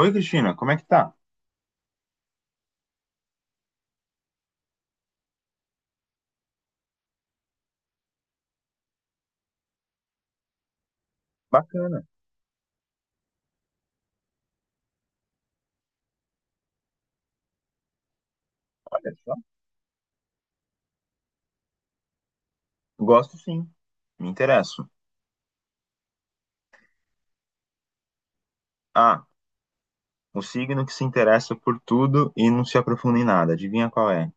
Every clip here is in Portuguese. Oi, Cristina, como é que tá? Bacana, olha só. Gosto sim, me interesso. Ah, o signo que se interessa por tudo e não se aprofunda em nada. Adivinha qual é?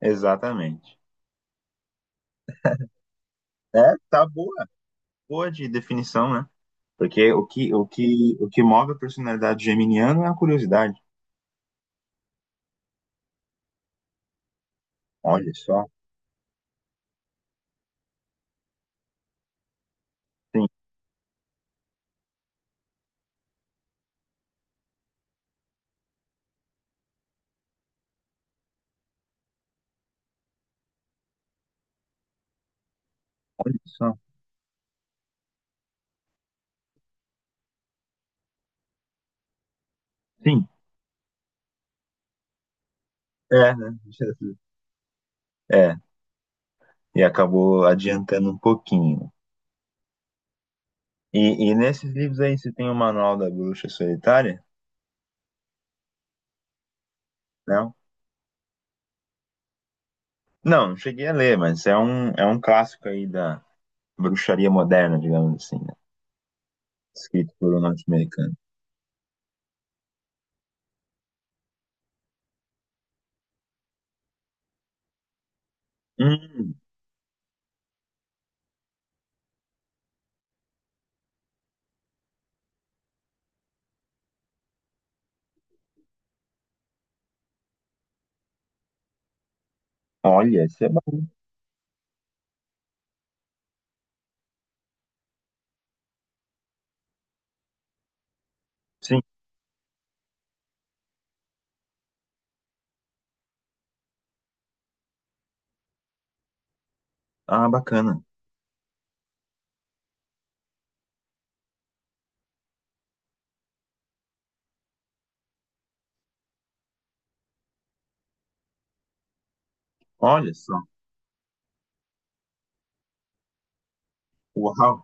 Exatamente. É, tá boa. Boa de definição, né? Porque o que move a personalidade geminiana é a curiosidade. Olha só. Sim, olha só. Sim, é, né? É, e acabou adiantando um pouquinho. E nesses livros aí, você tem o Manual da Bruxa Solitária? Né? Não, não cheguei a ler, mas é um clássico aí da bruxaria moderna, digamos assim, né? Escrito por um norte-americano. Hum, Olha, esse é bom. Sim, ah, bacana. Olha só. Uau,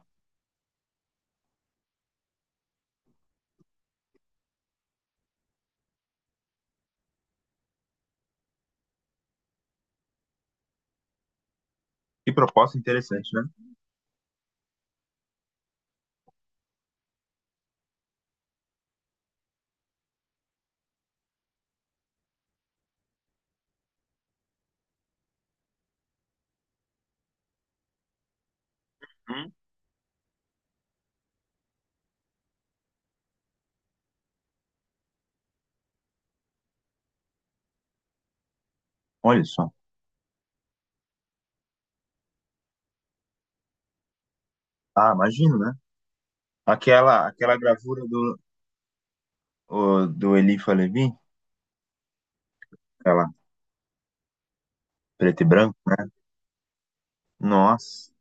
que proposta interessante, né? Hum, Olha só. Ah, imagino, né? Aquela gravura do, do Elifa Levi, aquela preto e branco, né? Nossa.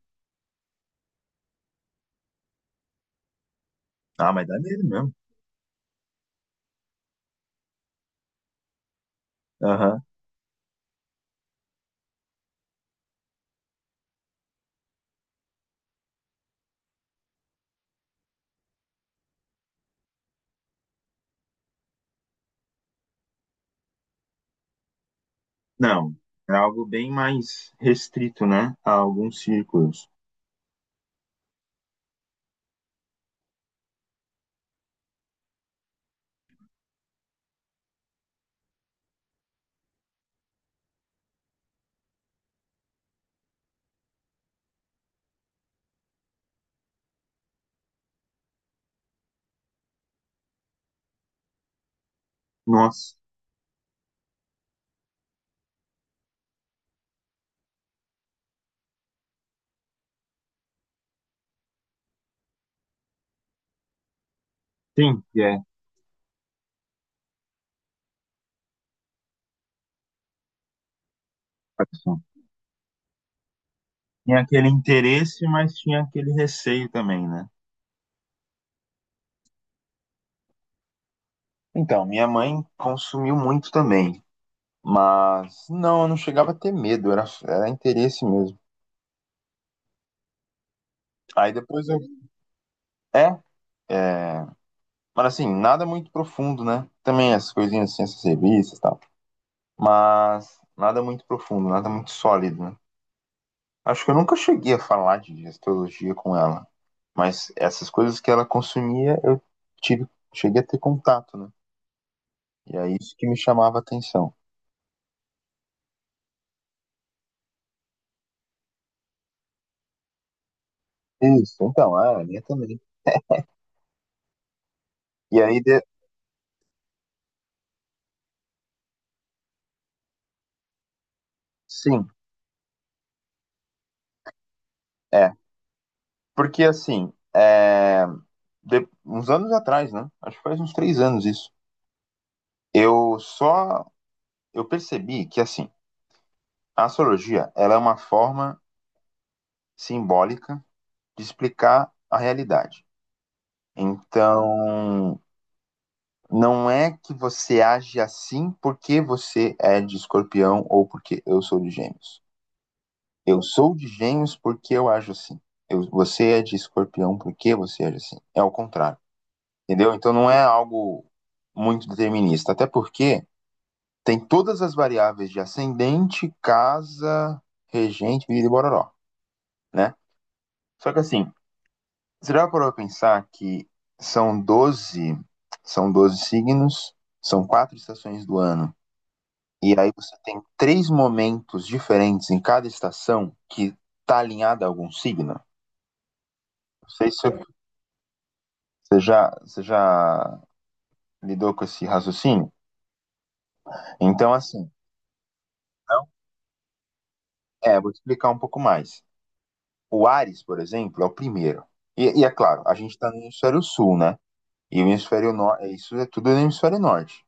Ah, mas dá medo mesmo. Aham. Não, é algo bem mais restrito, né? A alguns círculos. Nossa. Sim, é. Satisfação. Tinha aquele interesse, mas tinha aquele receio também, né? Então, minha mãe consumiu muito também. Mas não, eu não chegava a ter medo, era interesse mesmo. Aí depois eu. É, é, mas assim, nada muito profundo, né? Também as coisinhas assim, essas revistas e tal. Mas nada muito profundo, nada muito sólido, né? Acho que eu nunca cheguei a falar de astrologia com ela. Mas essas coisas que ela consumia, eu tive, cheguei a ter contato, né? E é isso que me chamava a atenção. Isso, então, ah, a minha também. E aí, sim, é. Porque assim, é, uns anos atrás, né? Acho que faz uns três anos isso. Eu só eu percebi que assim, a astrologia, ela é uma forma simbólica de explicar a realidade. Então, não é que você age assim porque você é de escorpião ou porque eu sou de gêmeos. Eu sou de gêmeos porque eu ajo assim. Você é de escorpião porque você age assim. É ao contrário, entendeu? Então não é algo muito determinista. Até porque tem todas as variáveis de ascendente, casa, regente, vida e bororó, né? Só que assim, você já parou pra pensar que são 12, são 12 signos, são quatro estações do ano. E aí você tem três momentos diferentes em cada estação que tá alinhada a algum signo? Não sei se eu Você já lidou com esse raciocínio? Então, assim, não- é, vou te explicar um pouco mais. O Ares, por exemplo, é o primeiro. E é claro, a gente está no hemisfério sul, né? E o hemisfério norte, isso é tudo no hemisfério norte.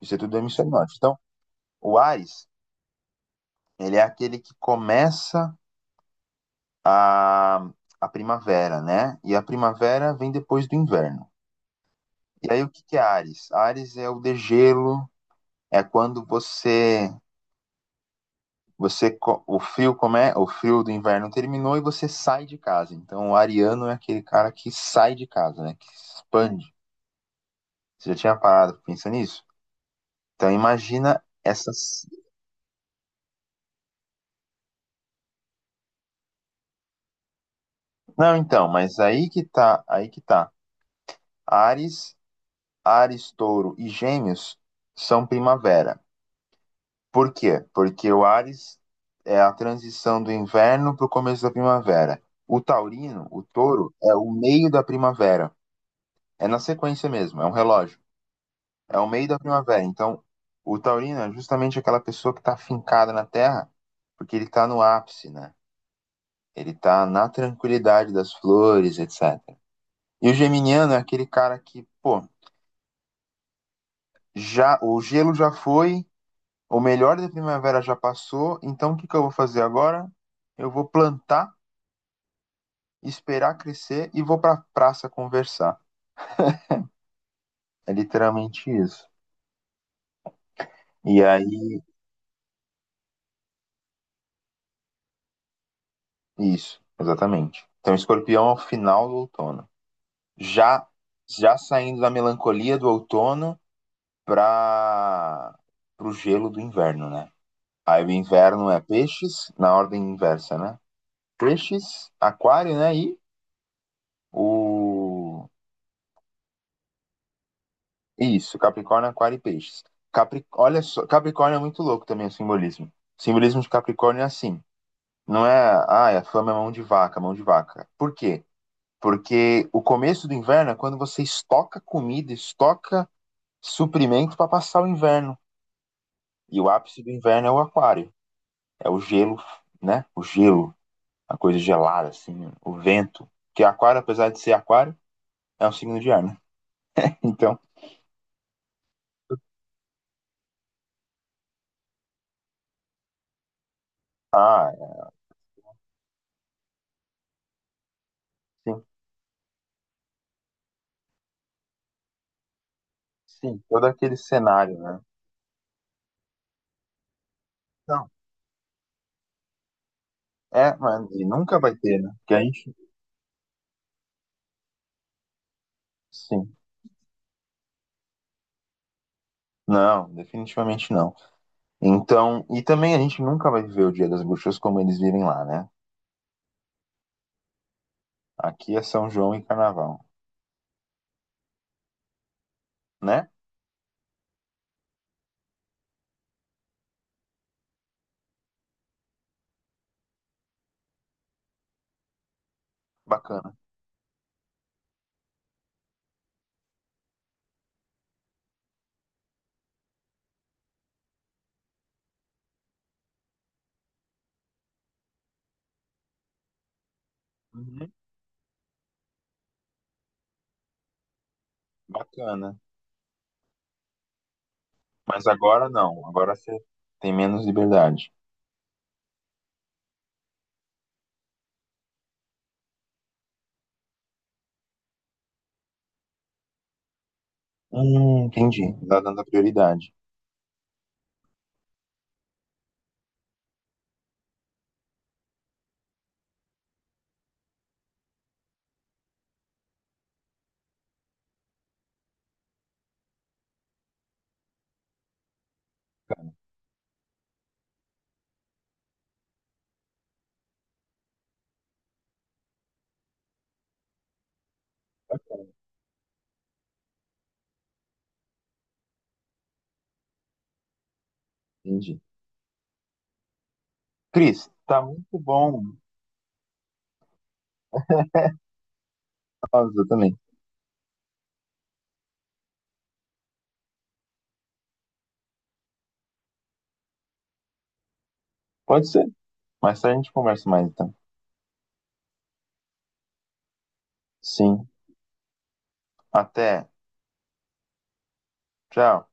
Isso é tudo no hemisfério norte. Então, o Ares, ele é aquele que começa a, a primavera, né? E a primavera vem depois do inverno. E aí, o que que é Ares? Ares é o degelo, é quando você. Você o frio como é, o frio do inverno terminou e você sai de casa. Então o ariano é aquele cara que sai de casa, né? Que expande. Você já tinha parado pra nisso? Então imagina essas. Não, então, mas aí que tá, aí que tá. Ares, Ares, Touro e Gêmeos são primavera. Por quê? Porque o Ares é a transição do inverno para o começo da primavera. O taurino, o touro, é o meio da primavera. É na sequência mesmo, é um relógio. É o meio da primavera. Então, o taurino é justamente aquela pessoa que está fincada na terra, porque ele está no ápice, né? Ele está na tranquilidade das flores, etc. E o geminiano é aquele cara que, pô, já o gelo já foi, o melhor da primavera já passou, então o que que eu vou fazer agora? Eu vou plantar, esperar crescer e vou para praça conversar. É literalmente isso. E aí, isso, exatamente. Então, escorpião é o final do outono. já já saindo da melancolia do outono para o gelo do inverno, né? Aí o inverno é peixes, na ordem inversa, né? Peixes, aquário, né? E o. Isso, Capricórnio, Aquário e Peixes. Capri... Olha só, Capricórnio é muito louco também o simbolismo. O simbolismo de Capricórnio é assim. Não é, ah, a fama é mão de vaca. Por quê? Porque o começo do inverno é quando você estoca comida, estoca suprimento para passar o inverno. E o ápice do inverno é o aquário. É o gelo, né? O gelo, a coisa gelada, assim, o vento. Porque aquário, apesar de ser aquário, é um signo de ar, né? Então, ah, sim, sim, todo aquele cenário, né? Não, é, mas e nunca vai ter, né? Porque a gente, sim. Não, definitivamente não. Então, e também a gente nunca vai viver o Dia das Bruxas como eles vivem lá, né? Aqui é São João e Carnaval, né? Bacana. Uhum. Bacana. Mas agora não, agora você tem menos liberdade. Entendi. Tá dando a prioridade. Entendi. Cris, tá muito bom. Nossa, eu também. Pode ser. Mais tarde a gente conversa mais, então. Sim. Até. Tchau.